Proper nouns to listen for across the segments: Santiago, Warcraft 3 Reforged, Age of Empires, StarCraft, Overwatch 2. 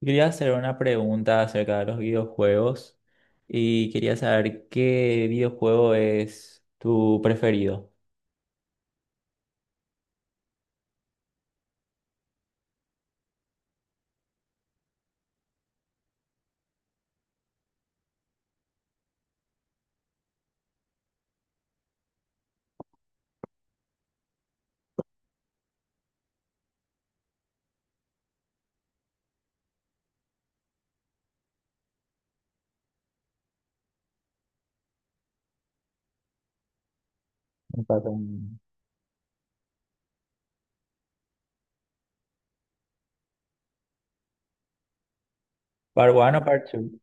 Quería hacer una pregunta acerca de los videojuegos y quería saber qué videojuego es tu preferido. Un par un- Part one o part two?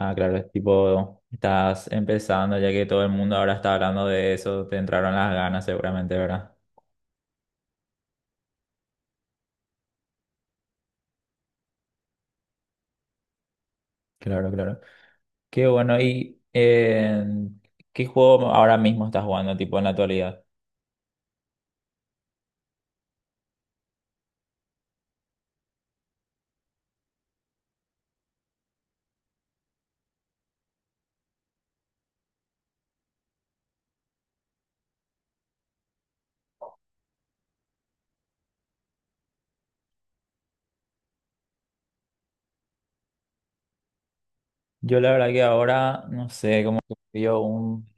Ah, claro, es tipo, estás empezando, ya que todo el mundo ahora está hablando de eso, te entraron las ganas seguramente, ¿verdad? Claro, claro. Qué bueno. Qué juego ahora mismo estás jugando, tipo, en la actualidad? Yo la verdad que ahora, no sé, como que veo un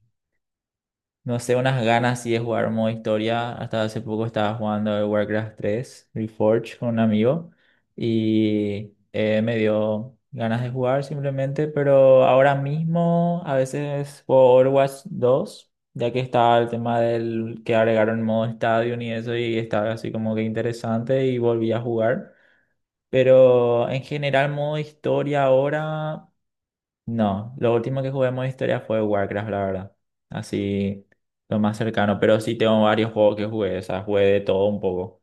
no sé, unas ganas sí de jugar modo historia. Hasta hace poco estaba jugando el Warcraft 3 Reforged con un amigo y me dio ganas de jugar simplemente, pero ahora mismo a veces juego Overwatch 2, ya que está el tema del que agregaron modo estadio y eso y estaba así como que interesante y volví a jugar. Pero en general modo historia ahora no, lo último que jugué en modo historia fue Warcraft, la verdad. Así, lo más cercano. Pero sí tengo varios juegos que jugué, o sea, jugué de todo un poco.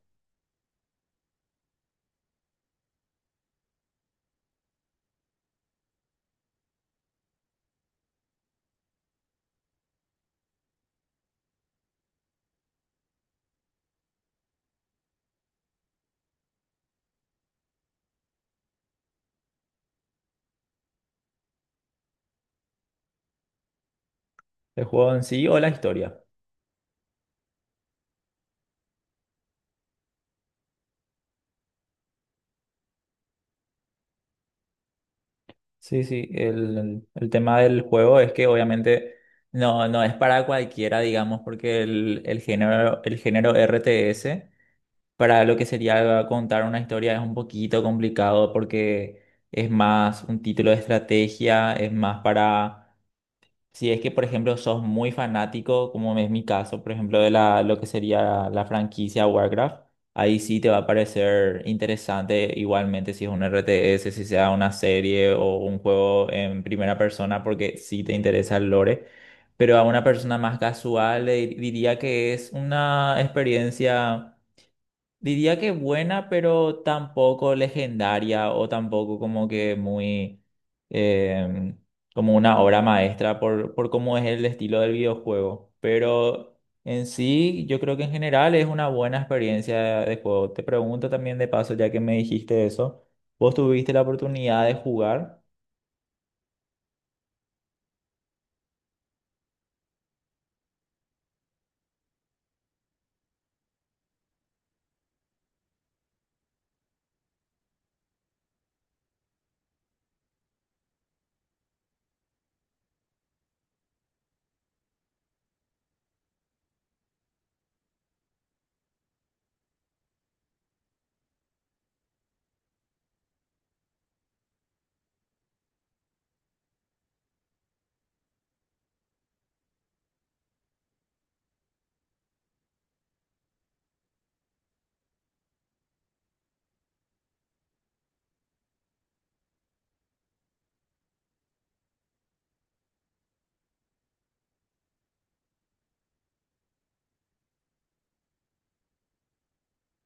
El juego en sí o la historia. Sí, sí, el tema del juego es que obviamente no, no es para cualquiera, digamos, porque el género, el género RTS, para lo que sería contar una historia, es un poquito complicado porque es más un título de estrategia, es más para si es que, por ejemplo, sos muy fanático, como es mi caso, por ejemplo, de la, lo que sería la franquicia Warcraft, ahí sí te va a parecer interesante igualmente si es un RTS, si sea una serie o un juego en primera persona, porque sí te interesa el lore. Pero a una persona más casual le diría que es una experiencia, diría que buena, pero tampoco legendaria o tampoco como que muy eh, como una obra maestra por cómo es el estilo del videojuego. Pero en sí, yo creo que en general es una buena experiencia de juego. Te pregunto también de paso, ya que me dijiste eso, ¿vos tuviste la oportunidad de jugar?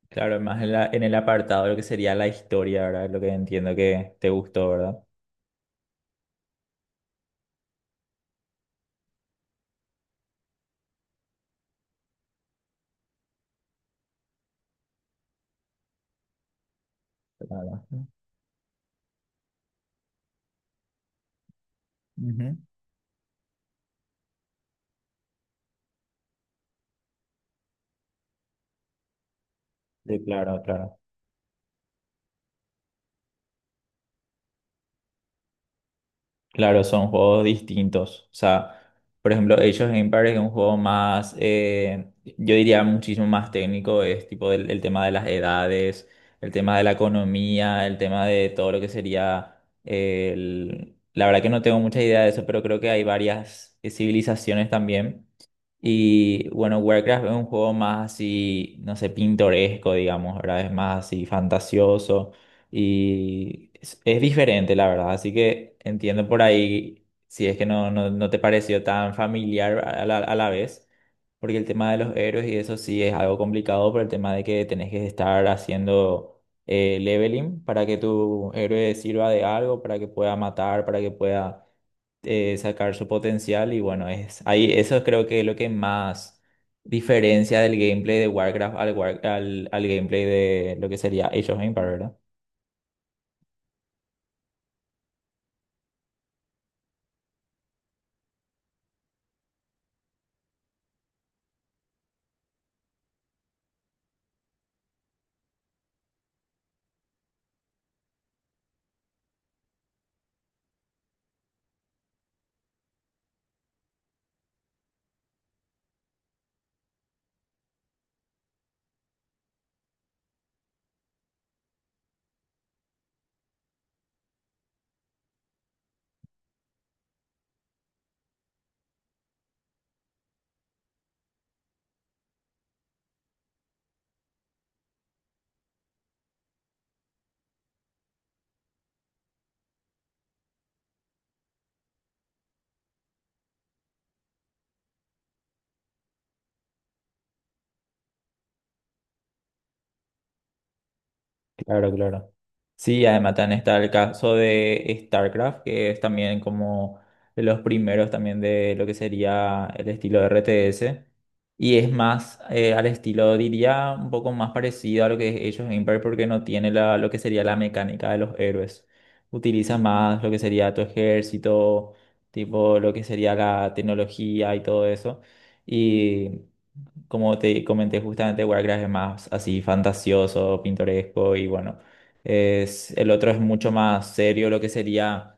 Claro, más en en el apartado de lo que sería la historia, ¿verdad? Lo que entiendo que te gustó, ¿verdad? Claro. Ujú. Sí, claro, claro. Claro, son juegos distintos. O sea, por ejemplo, Age of Empires es un juego más, yo diría muchísimo más técnico, es tipo el tema de las edades, el tema de la economía, el tema de todo lo que sería el... La verdad que no tengo mucha idea de eso, pero creo que hay varias civilizaciones también. Y bueno, Warcraft es un juego más así, no sé, pintoresco, digamos, ¿verdad? Es más así fantasioso y es diferente, la verdad. Así que entiendo por ahí si es que no te pareció tan familiar a a la vez, porque el tema de los héroes y eso sí es algo complicado por el tema de que tenés que estar haciendo leveling para que tu héroe sirva de algo, para que pueda matar, para que pueda sacar su potencial y bueno, es ahí eso creo que es lo que más diferencia del gameplay de Warcraft al gameplay de lo que sería Age of Empires, ¿verdad? Claro, claro. Sí, además también está el caso de StarCraft, que es también como de los primeros también de lo que sería el estilo de RTS. Y es más al estilo, diría, un poco más parecido a lo que es Age of Empires porque no tiene lo que sería la mecánica de los héroes. Utiliza más lo que sería tu ejército, tipo lo que sería la tecnología y todo eso. Y como te comenté, justamente Warcraft es más así fantasioso, pintoresco y bueno, el otro es mucho más serio, lo que sería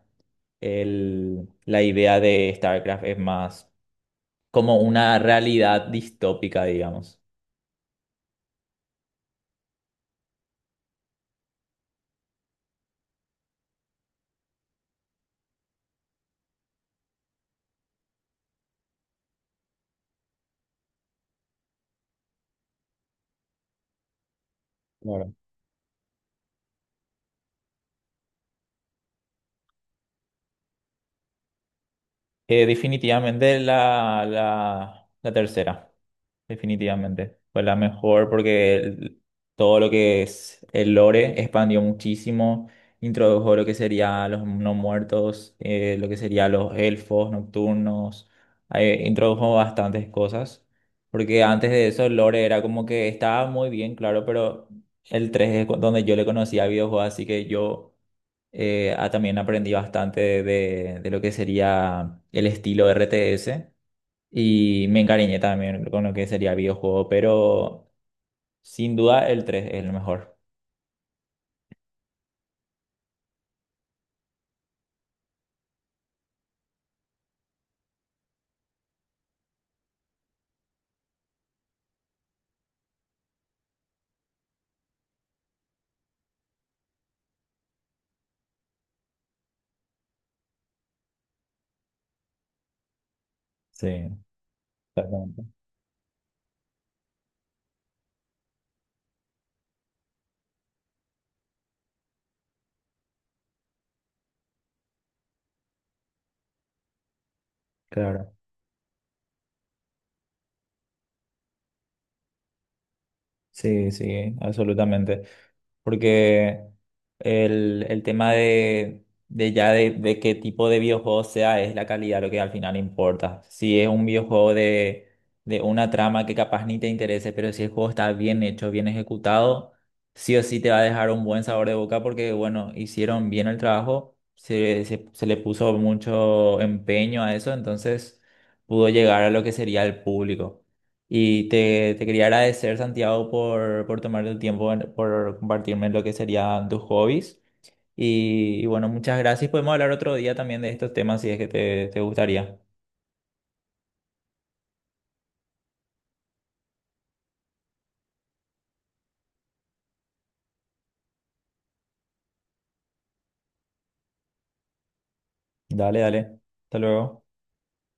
la idea de StarCraft es más como una realidad distópica, digamos. Claro. Definitivamente la tercera. Definitivamente. Fue la mejor porque todo lo que es el lore expandió muchísimo, introdujo lo que sería los no muertos, lo que sería los elfos nocturnos, introdujo bastantes cosas, porque antes de eso el lore era como que estaba muy bien, claro, pero el 3 es donde yo le conocía al videojuego, así que yo también aprendí bastante de lo que sería el estilo RTS. Y me encariñé también con lo que sería videojuego, pero sin duda el 3 es el mejor. Sí, exactamente. Claro. Sí, sí, absolutamente. Porque el tema de qué tipo de videojuego sea es la calidad lo que al final importa. Si es un videojuego de una trama que capaz ni te interese, pero si el juego está bien hecho, bien ejecutado, sí o sí te va a dejar un buen sabor de boca porque, bueno, hicieron bien el trabajo, se le puso mucho empeño a eso, entonces pudo llegar a lo que sería el público. Y te quería agradecer, Santiago, por tomarte el tiempo, por compartirme lo que serían tus hobbies. Y bueno, muchas gracias. Podemos hablar otro día también de estos temas si es que te gustaría. Dale, dale. Hasta luego.